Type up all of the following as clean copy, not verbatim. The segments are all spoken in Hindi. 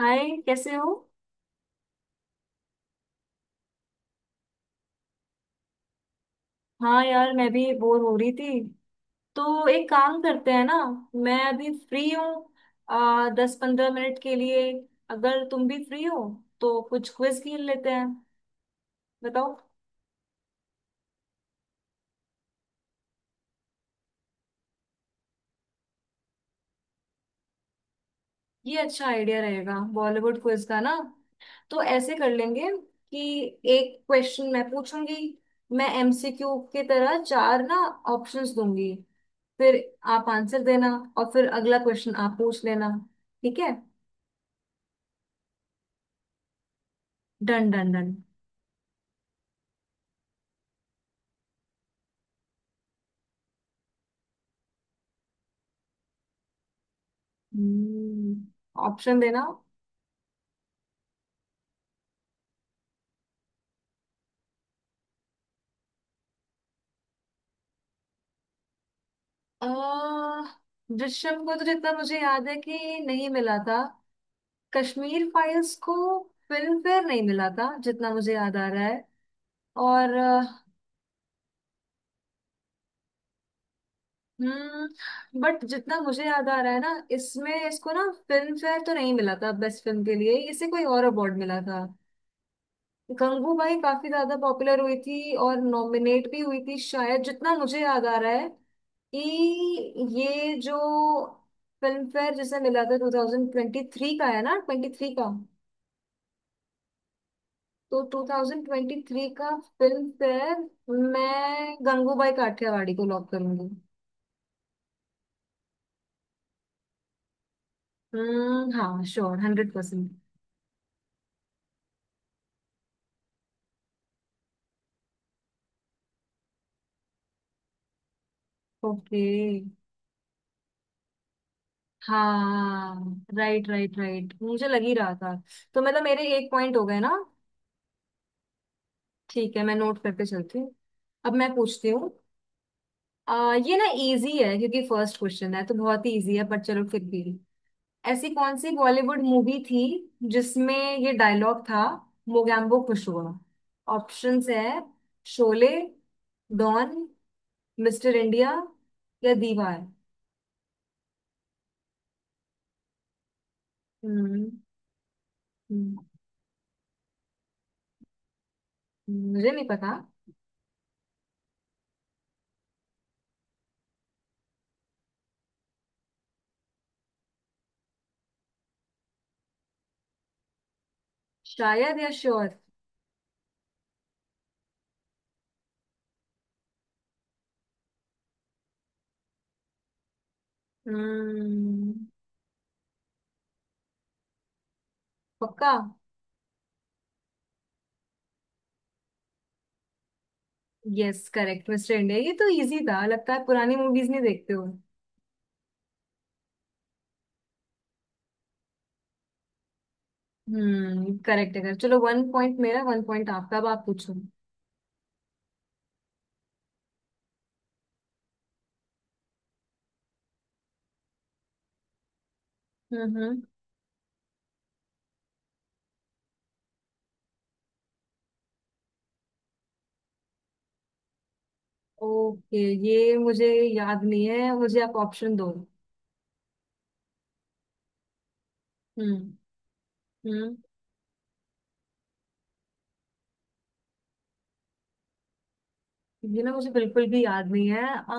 हाय, कैसे हो। हाँ यार, मैं भी बोर हो रही थी। तो एक काम करते हैं ना, मैं अभी फ्री हूँ आ 10 15 मिनट के लिए, अगर तुम भी फ्री हो तो कुछ क्विज खेल लेते हैं। बताओ। ये अच्छा आइडिया रहेगा बॉलीवुड क्विज का ना। तो ऐसे कर लेंगे कि एक क्वेश्चन मैं पूछूंगी, मैं एमसीक्यू के तरह चार ना ऑप्शंस दूंगी, फिर आप आंसर देना और फिर अगला क्वेश्चन आप पूछ लेना। ठीक है। Done done done. हम्म, ऑप्शन देना। अ दृश्यम को तो जितना मुझे याद है कि नहीं मिला था, कश्मीर फाइल्स को। फिल्म फेयर नहीं मिला था, जितना मुझे याद आ रहा है। और। बट जितना मुझे याद आ रहा है ना, इसमें इसको ना फिल्म फेयर तो नहीं मिला था बेस्ट फिल्म के लिए, इसे कोई और अवार्ड मिला था। गंगूबाई काफी ज्यादा पॉपुलर हुई थी और नॉमिनेट भी हुई थी शायद, जितना मुझे याद आ रहा है कि ये जो फिल्म फेयर जिसे मिला था, 2023 का है ना, 23 का। तो 2023 का फिल्म फेयर, मैं गंगूबाई काठियावाड़ी को लॉक करूंगी। हम्म, हाँ श्योर, 100%। ओके। हाँ राइट राइट राइट, मुझे लग ही रहा था। तो मतलब मेरे एक पॉइंट हो गए ना। ठीक है, मैं नोट करके चलती हूँ। अब मैं पूछती हूँ। ये ना इजी है, क्योंकि फर्स्ट क्वेश्चन है तो बहुत ही इजी है, पर चलो फिर भी। ऐसी कौन सी बॉलीवुड मूवी थी जिसमें ये डायलॉग था, मोगैम्बो खुश हुआ। ऑप्शंस है, शोले, डॉन, मिस्टर इंडिया या दीवार। हम्म। हम्म। मुझे नहीं पता। शायद या श्योर। हम्म। पक्का। यस, करेक्ट मिस्टर इंडिया, ये तो इजी था, लगता है पुरानी मूवीज नहीं देखते हो। हम्म, करेक्ट है correct। चलो, वन पॉइंट मेरा वन पॉइंट आपका, अब आप पूछो। हम्म। हम्म। ओके, ये मुझे याद नहीं है, मुझे आप ऑप्शन दो। हम्म। हम्म। ये ना मुझे बिल्कुल भी याद नहीं है।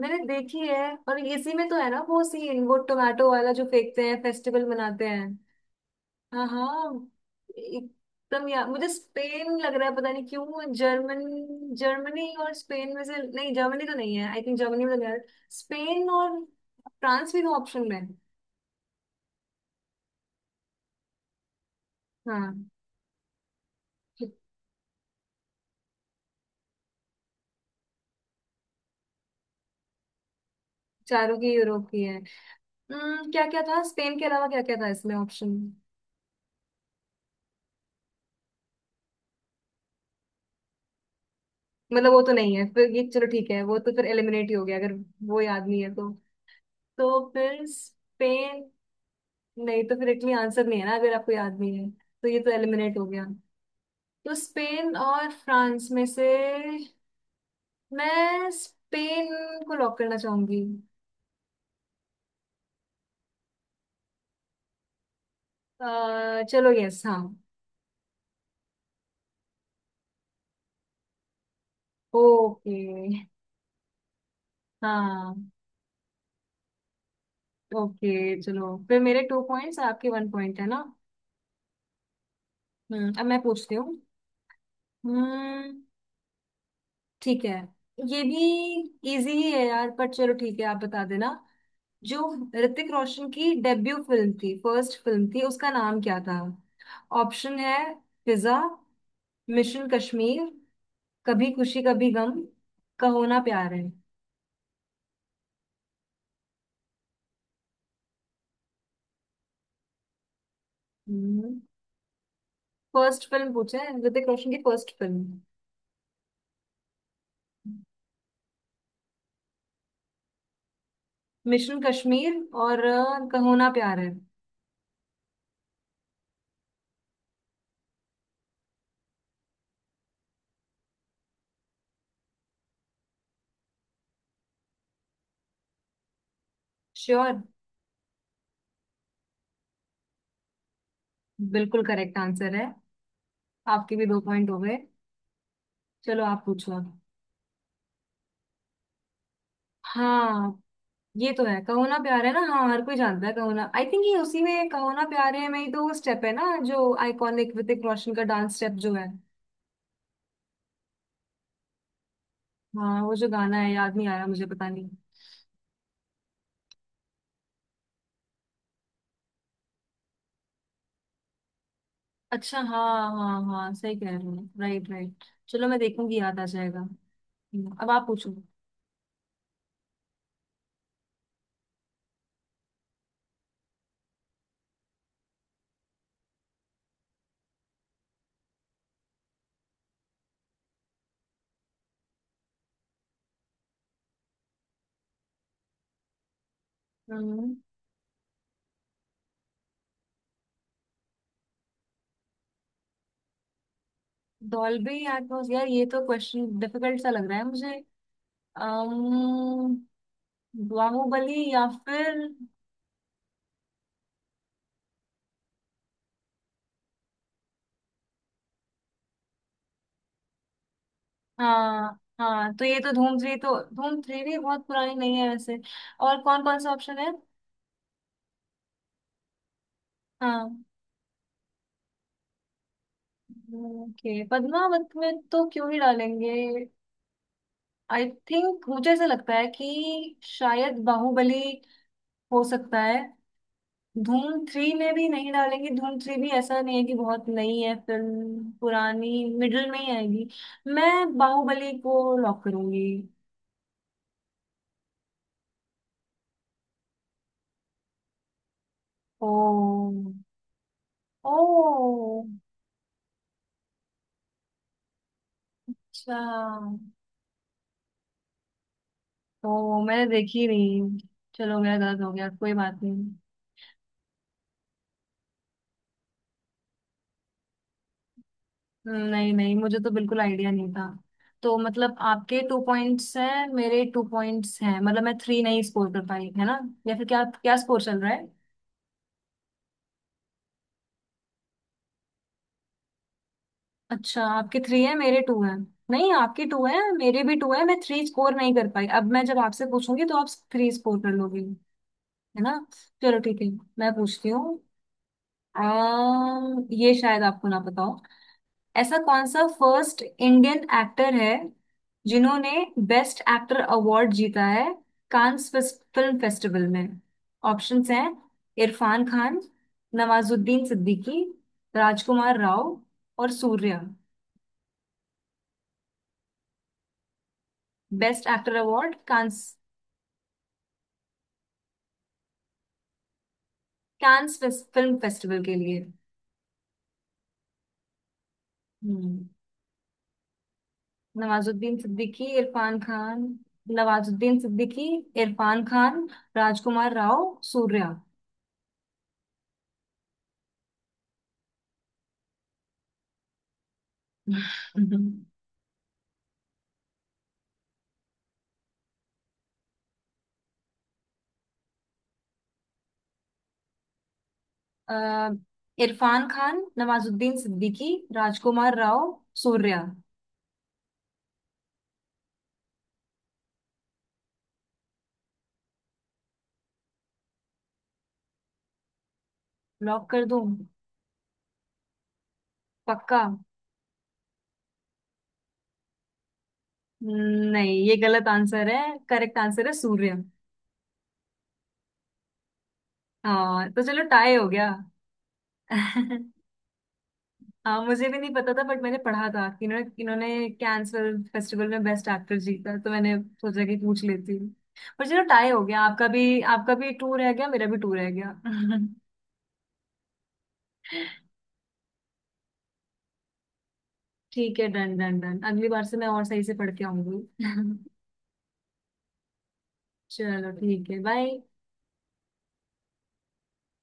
मैंने देखी है, और इसी में तो है ना वो सीन, वो टोमेटो वाला जो फेंकते हैं, फेस्टिवल मनाते हैं। हाँ हाँ, एकदम यार मुझे स्पेन लग रहा है, पता नहीं क्यों। जर्मनी और स्पेन में से, नहीं जर्मनी तो नहीं है आई थिंक, जर्मनी में तो नहीं है। स्पेन और फ्रांस भी तो ऑप्शन में है। हाँ, चारों की यूरोप की है। क्या क्या था स्पेन के अलावा, क्या क्या था इसमें ऑप्शन। मतलब वो तो नहीं है फिर ये, चलो ठीक है, वो तो फिर एलिमिनेट ही हो गया, अगर वो याद नहीं है तो। तो फिर स्पेन, नहीं तो फिर इटली आंसर नहीं है ना, अगर आपको याद नहीं है तो ये तो एलिमिनेट हो गया। तो स्पेन और फ्रांस में से मैं स्पेन को लॉक करना चाहूंगी। चलो यस, हाँ। ओके। हाँ। ओके चलो, फिर मेरे टू पॉइंट्स आपके वन पॉइंट, है ना। अब मैं पूछती हूँ। हम्म। ठीक है। ये भी इजी ही है यार, पर चलो ठीक है, आप बता देना। जो ऋतिक रोशन की डेब्यू फिल्म थी, फर्स्ट फिल्म थी, उसका नाम क्या था। ऑप्शन है, फिजा, मिशन कश्मीर, कभी खुशी कभी गम, का होना प्यार है। फर्स्ट फिल्म पूछे, ऋतिक रोशन की फर्स्ट फिल्म। मिशन कश्मीर और का होना प्यार है। श्योर। बिल्कुल करेक्ट आंसर है, आपके भी दो पॉइंट हो गए। चलो आप पूछो अब। हाँ, ये तो है कहो ना प्यार है ना, हाँ हर कोई जानता है कहो ना। आई थिंक ये उसी में कहो ना प्यार है में ही तो वो स्टेप है ना, जो आइकॉनिक ऋतिक रोशन का डांस स्टेप जो है। हाँ, वो जो गाना है याद नहीं आ रहा मुझे, पता नहीं। अच्छा हाँ हाँ हाँ, सही कह रहे हो। Right right. चलो, मैं देखूंगी याद आ जाएगा। अब आप पूछो। हम्म। डॉल्बी एटमॉस, यार ये तो क्वेश्चन डिफिकल्ट सा लग रहा है मुझे। अम्म बाहुबली या फिर। हाँ हाँ, तो ये तो धूम थ्री, तो धूम थ्री भी बहुत पुरानी नहीं है वैसे। और कौन कौन सा ऑप्शन है। हाँ। ओके, पद्मावत में तो क्यों ही डालेंगे। आई थिंक मुझे ऐसा लगता है कि शायद बाहुबली, हो सकता है। धूम थ्री में भी नहीं डालेंगे, धूम थ्री भी ऐसा नहीं है कि बहुत नई है, फिल्म पुरानी मिडिल में ही आएगी। मैं बाहुबली को लॉक करूंगी। ओ। ओ। अच्छा, ओ मैंने देखी नहीं। चलो मेरा गलत हो गया, कोई बात नहीं। नहीं नहीं मुझे तो बिल्कुल आइडिया नहीं था। तो मतलब आपके टू पॉइंट्स हैं, मेरे टू पॉइंट्स हैं, मतलब मैं थ्री नहीं स्कोर कर पाई, है ना। या फिर क्या क्या स्कोर चल रहा है। अच्छा, आपके थ्री है मेरे टू हैं। नहीं, आपके टू है मेरे भी टू है, मैं थ्री स्कोर नहीं कर पाई, अब मैं जब आपसे पूछूंगी तो आप थ्री स्कोर कर लोगी। है ना। चलो ठीक है, मैं पूछती हूँ। ये शायद आपको ना पता हो। ऐसा कौन सा फर्स्ट इंडियन एक्टर है जिन्होंने बेस्ट एक्टर अवार्ड जीता है, कांस फिल्म फेस्टिवल में। ऑप्शंस हैं, इरफान खान, नवाजुद्दीन सिद्दीकी, राजकुमार राव और Suriya. Best actor award Cannes, Cannes film festival के लिए। हम्म। नवाजुद्दीन सिद्दीकी, इरफान खान। नवाजुद्दीन सिद्दीकी, इरफान खान, राजकुमार राव, सूर्या। अ, इरफान खान, नवाजुद्दीन सिद्दीकी, राजकुमार राव, सूर्या। लॉक कर दूं, पक्का। नहीं, ये गलत आंसर है, करेक्ट आंसर है सूर्या। हाँ, तो चलो टाई हो गया। हाँ मुझे भी नहीं पता था, बट मैंने पढ़ा था कि इन्होंने इन्होंने कैंस फिल्म फेस्टिवल में बेस्ट एक्टर जीता, तो मैंने सोचा कि पूछ लेती हूँ। पर चलो टाई हो गया, आपका भी टू रह गया, मेरा भी टू रह गया। ठीक है, डन डन डन, अगली बार से मैं और सही से पढ़ के आऊंगी। चलो ठीक है, बाय।